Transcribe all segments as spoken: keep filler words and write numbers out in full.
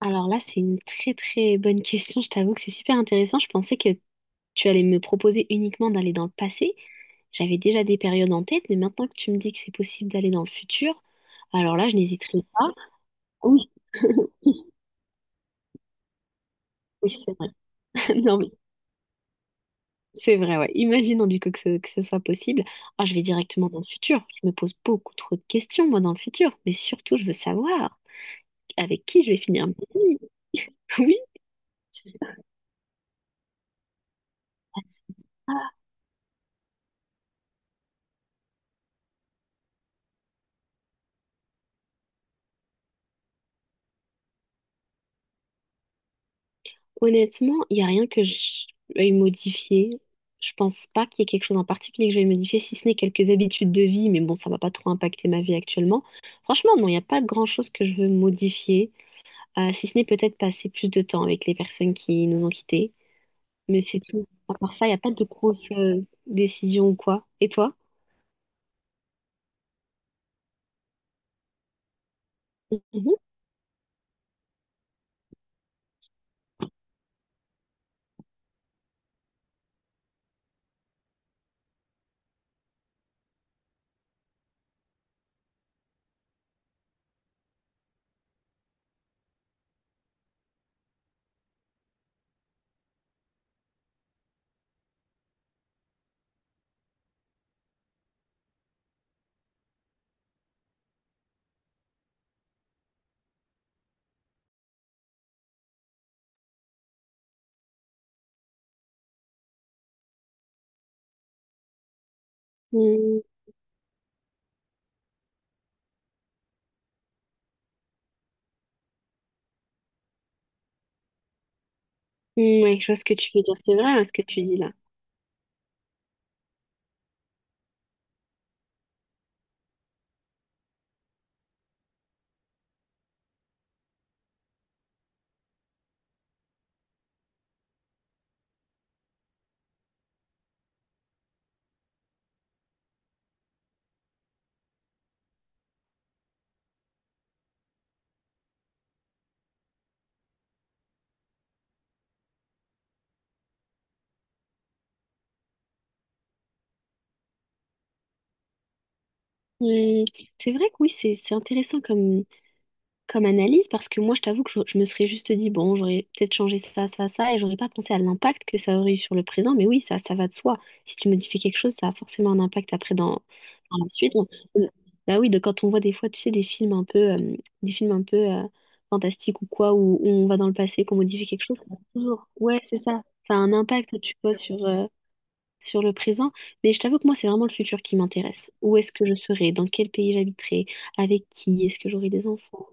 Alors là, c'est une très très bonne question. Je t'avoue que c'est super intéressant. Je pensais que tu allais me proposer uniquement d'aller dans le passé. J'avais déjà des périodes en tête, mais maintenant que tu me dis que c'est possible d'aller dans le futur, alors là, je n'hésiterai pas. Oui, oui, c'est vrai. Non, mais c'est vrai, ouais. Imaginons du coup que ce, que ce soit possible. Ah, je vais directement dans le futur. Je me pose beaucoup trop de questions, moi, dans le futur. Mais surtout, je veux savoir avec qui je vais finir ma vie. Oui, ah, c'est ça. Honnêtement, il n'y a rien que je veuille modifier. Je pense pas qu'il y ait quelque chose en particulier que je veuille modifier, si ce n'est quelques habitudes de vie, mais bon, ça va pas trop impacter ma vie actuellement. Franchement, non, il n'y a pas grand-chose que je veux modifier, euh, si ce n'est peut-être passer plus de temps avec les personnes qui nous ont quittés. Mais c'est tout. À part ça, il n'y a pas de grosses euh, décisions ou quoi. Et toi? Mhm. Mm, mm, ouais, je vois ce que tu veux dire. C'est vrai, hein, ce que tu dis là. Mm, c'est vrai que oui, c'est c'est intéressant comme. comme analyse parce que moi, je t'avoue que je, je me serais juste dit, bon, j'aurais peut-être changé ça, ça, ça, et j'aurais pas pensé à l'impact que ça aurait eu sur le présent, mais oui, ça, ça va de soi. Si tu modifies quelque chose, ça a forcément un impact après dans, dans la suite. On- on- Bah oui, de, quand on voit des fois, tu sais, des films un peu, euh, des films un peu euh, fantastiques ou quoi, où, où on va dans le passé, qu'on modifie quelque chose, ça a toujours. Ouais, c'est ça. Ça a un impact, tu vois, sur, euh, sur le présent. Mais je t'avoue que moi, c'est vraiment le futur qui m'intéresse. Où est-ce que je serai? Dans quel pays j'habiterai? Avec qui? Est-ce que j'aurai des enfants?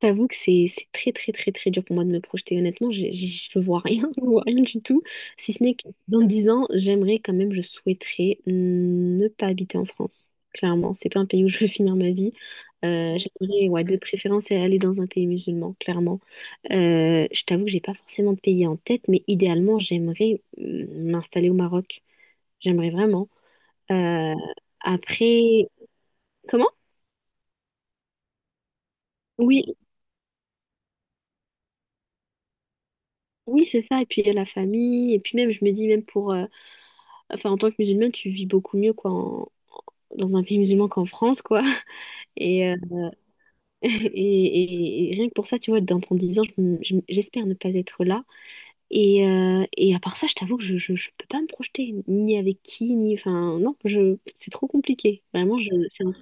T'avoue que c'est c'est très très très très dur pour moi de me projeter. Honnêtement, j'ai- j'ai- je vois rien, je vois rien du tout. Si ce n'est que dans dix ans, j'aimerais quand même, je souhaiterais hum, ne pas habiter en France. Clairement, c'est pas un pays où je veux finir ma vie. Euh, j'aimerais, ouais, de préférence aller dans un pays musulman, clairement. Euh, je t'avoue que j'ai pas forcément de pays en tête, mais idéalement, j'aimerais hum, m'installer au Maroc. J'aimerais vraiment. Euh, Après, comment? Oui, oui, c'est ça. Et puis il y a la famille. Et puis même, je me dis même pour, euh, enfin, en tant que musulmane, tu vis beaucoup mieux quoi, en- dans un pays musulman qu'en France, quoi. Et, euh, et, et- et rien que pour ça, tu vois, dans dix ans, je m- je m- j'espère ne pas être là. Et, euh, et à part ça, je t'avoue que je, je, je peux pas me projeter, ni avec qui, ni... Enfin, non, je, c'est trop compliqué. Vraiment, je, c'est un-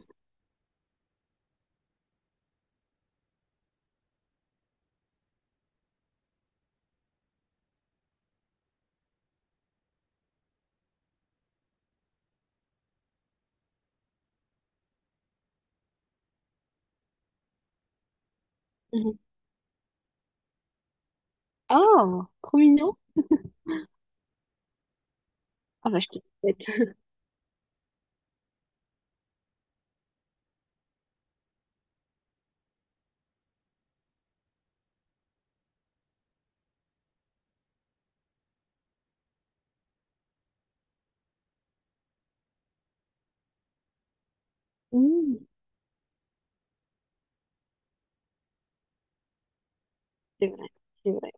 Mhm. Oh, trop mignon. Ah bah, je te le souhaite. Mmh, c'est vrai, c'est vrai.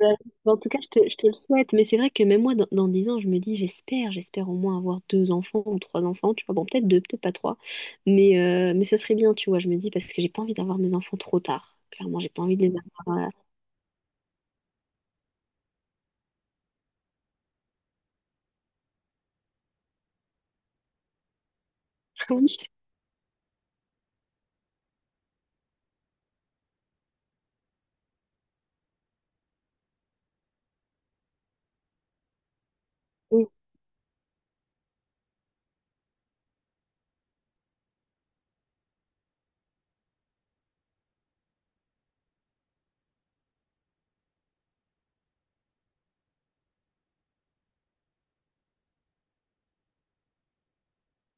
Ouais. En tout cas, je te, je te le souhaite. Mais c'est vrai que même moi, dans, dans dix ans, je me dis, j'espère, j'espère au moins avoir deux enfants ou trois enfants, tu vois. Bon, peut-être deux, peut-être pas trois. Mais, euh, mais ça serait bien, tu vois, je me dis, parce que j'ai pas envie d'avoir mes enfants trop tard. Clairement, j'ai pas envie de les avoir. euh, Oui,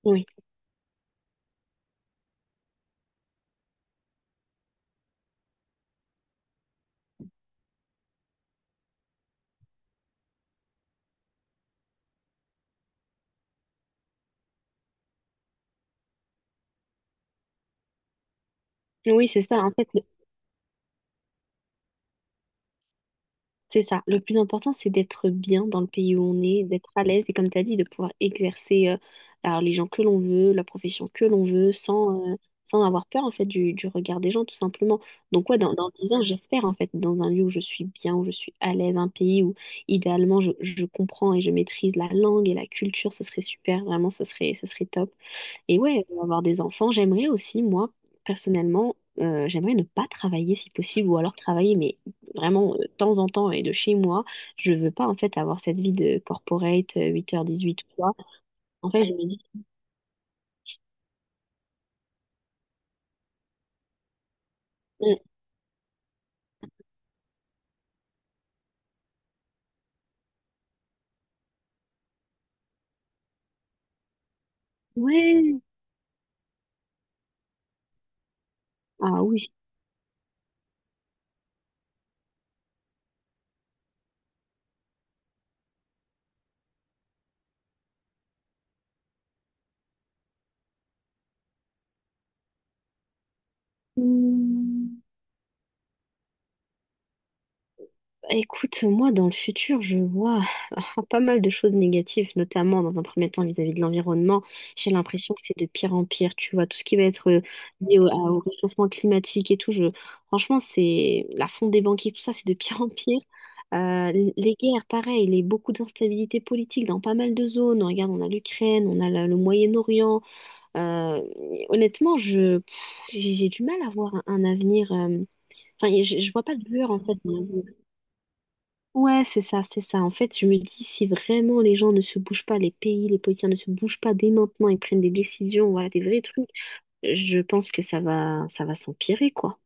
oui, oui, c'est ça. En fait, c'est ça. Le plus important, c'est d'être bien dans le pays où on est, d'être à l'aise et, comme tu as dit, de pouvoir exercer euh, la religion que l'on veut, la profession que l'on veut, sans, euh, sans avoir peur en fait du, du regard des gens, tout simplement. Donc, ouais, dans, dans dix ans, j'espère en fait, dans un lieu où je suis bien, où je suis à l'aise, un pays où idéalement je, je comprends et je maîtrise la langue et la culture, ce serait super, vraiment, ça serait, ça serait top. Et ouais, avoir des enfants, j'aimerais aussi, moi, personnellement, euh, j'aimerais ne pas travailler si possible, ou alors travailler, mais vraiment euh, de temps en temps et de chez moi. Je veux pas, en fait, avoir cette vie de corporate, euh, huit heures dix-huit heures, quoi. En fait, je me dis, euh, ouais, ah oui. Écoute, moi, dans le futur, je vois pas mal de choses négatives, notamment dans un premier temps vis-à-vis de l'environnement. J'ai l'impression que c'est de pire en pire, tu vois, tout ce qui va être euh, lié au, à- au réchauffement climatique et tout. Je... Franchement, c'est la fonte des banquiers, tout ça, c'est de pire en pire. Euh, l- les guerres, pareil, les beaucoup d'instabilité politique dans pas mal de zones. Regarde, on a l'Ukraine, on a la- le Moyen-Orient. Euh, Honnêtement, je, pff, j'ai j'ai du mal à voir un, un avenir. euh, Enfin, je, je vois pas de lueur en fait. Ouais, c'est ça, c'est ça. En fait, je me dis, si vraiment les gens ne se bougent pas, les pays, les politiciens ne se bougent pas dès maintenant et prennent des décisions, voilà, des vrais trucs, je pense que ça va, ça va s'empirer, quoi.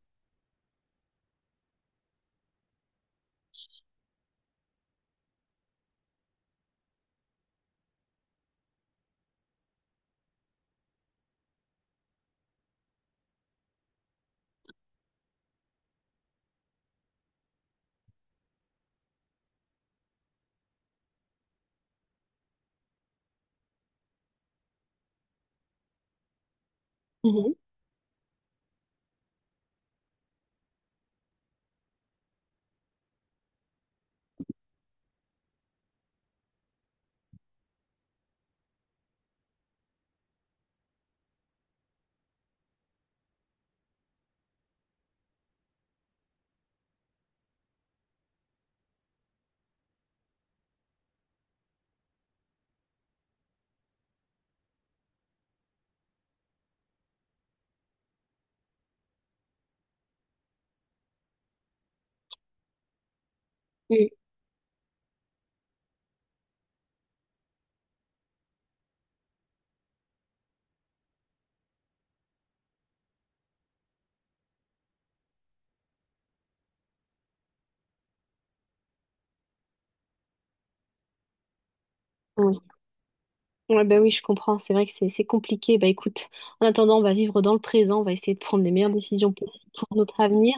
Mhm. Oui. Ouais. Ouais, bah oui, je comprends. C'est vrai que c'est c'est compliqué. Bah écoute, en attendant, on va vivre dans le présent. On va essayer de prendre les meilleures décisions possibles pour notre avenir.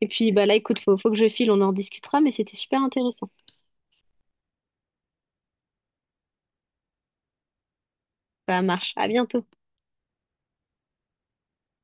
Et puis, bah là, écoute, faut, faut que je file. On en discutera, mais c'était super intéressant. Ça marche. À bientôt.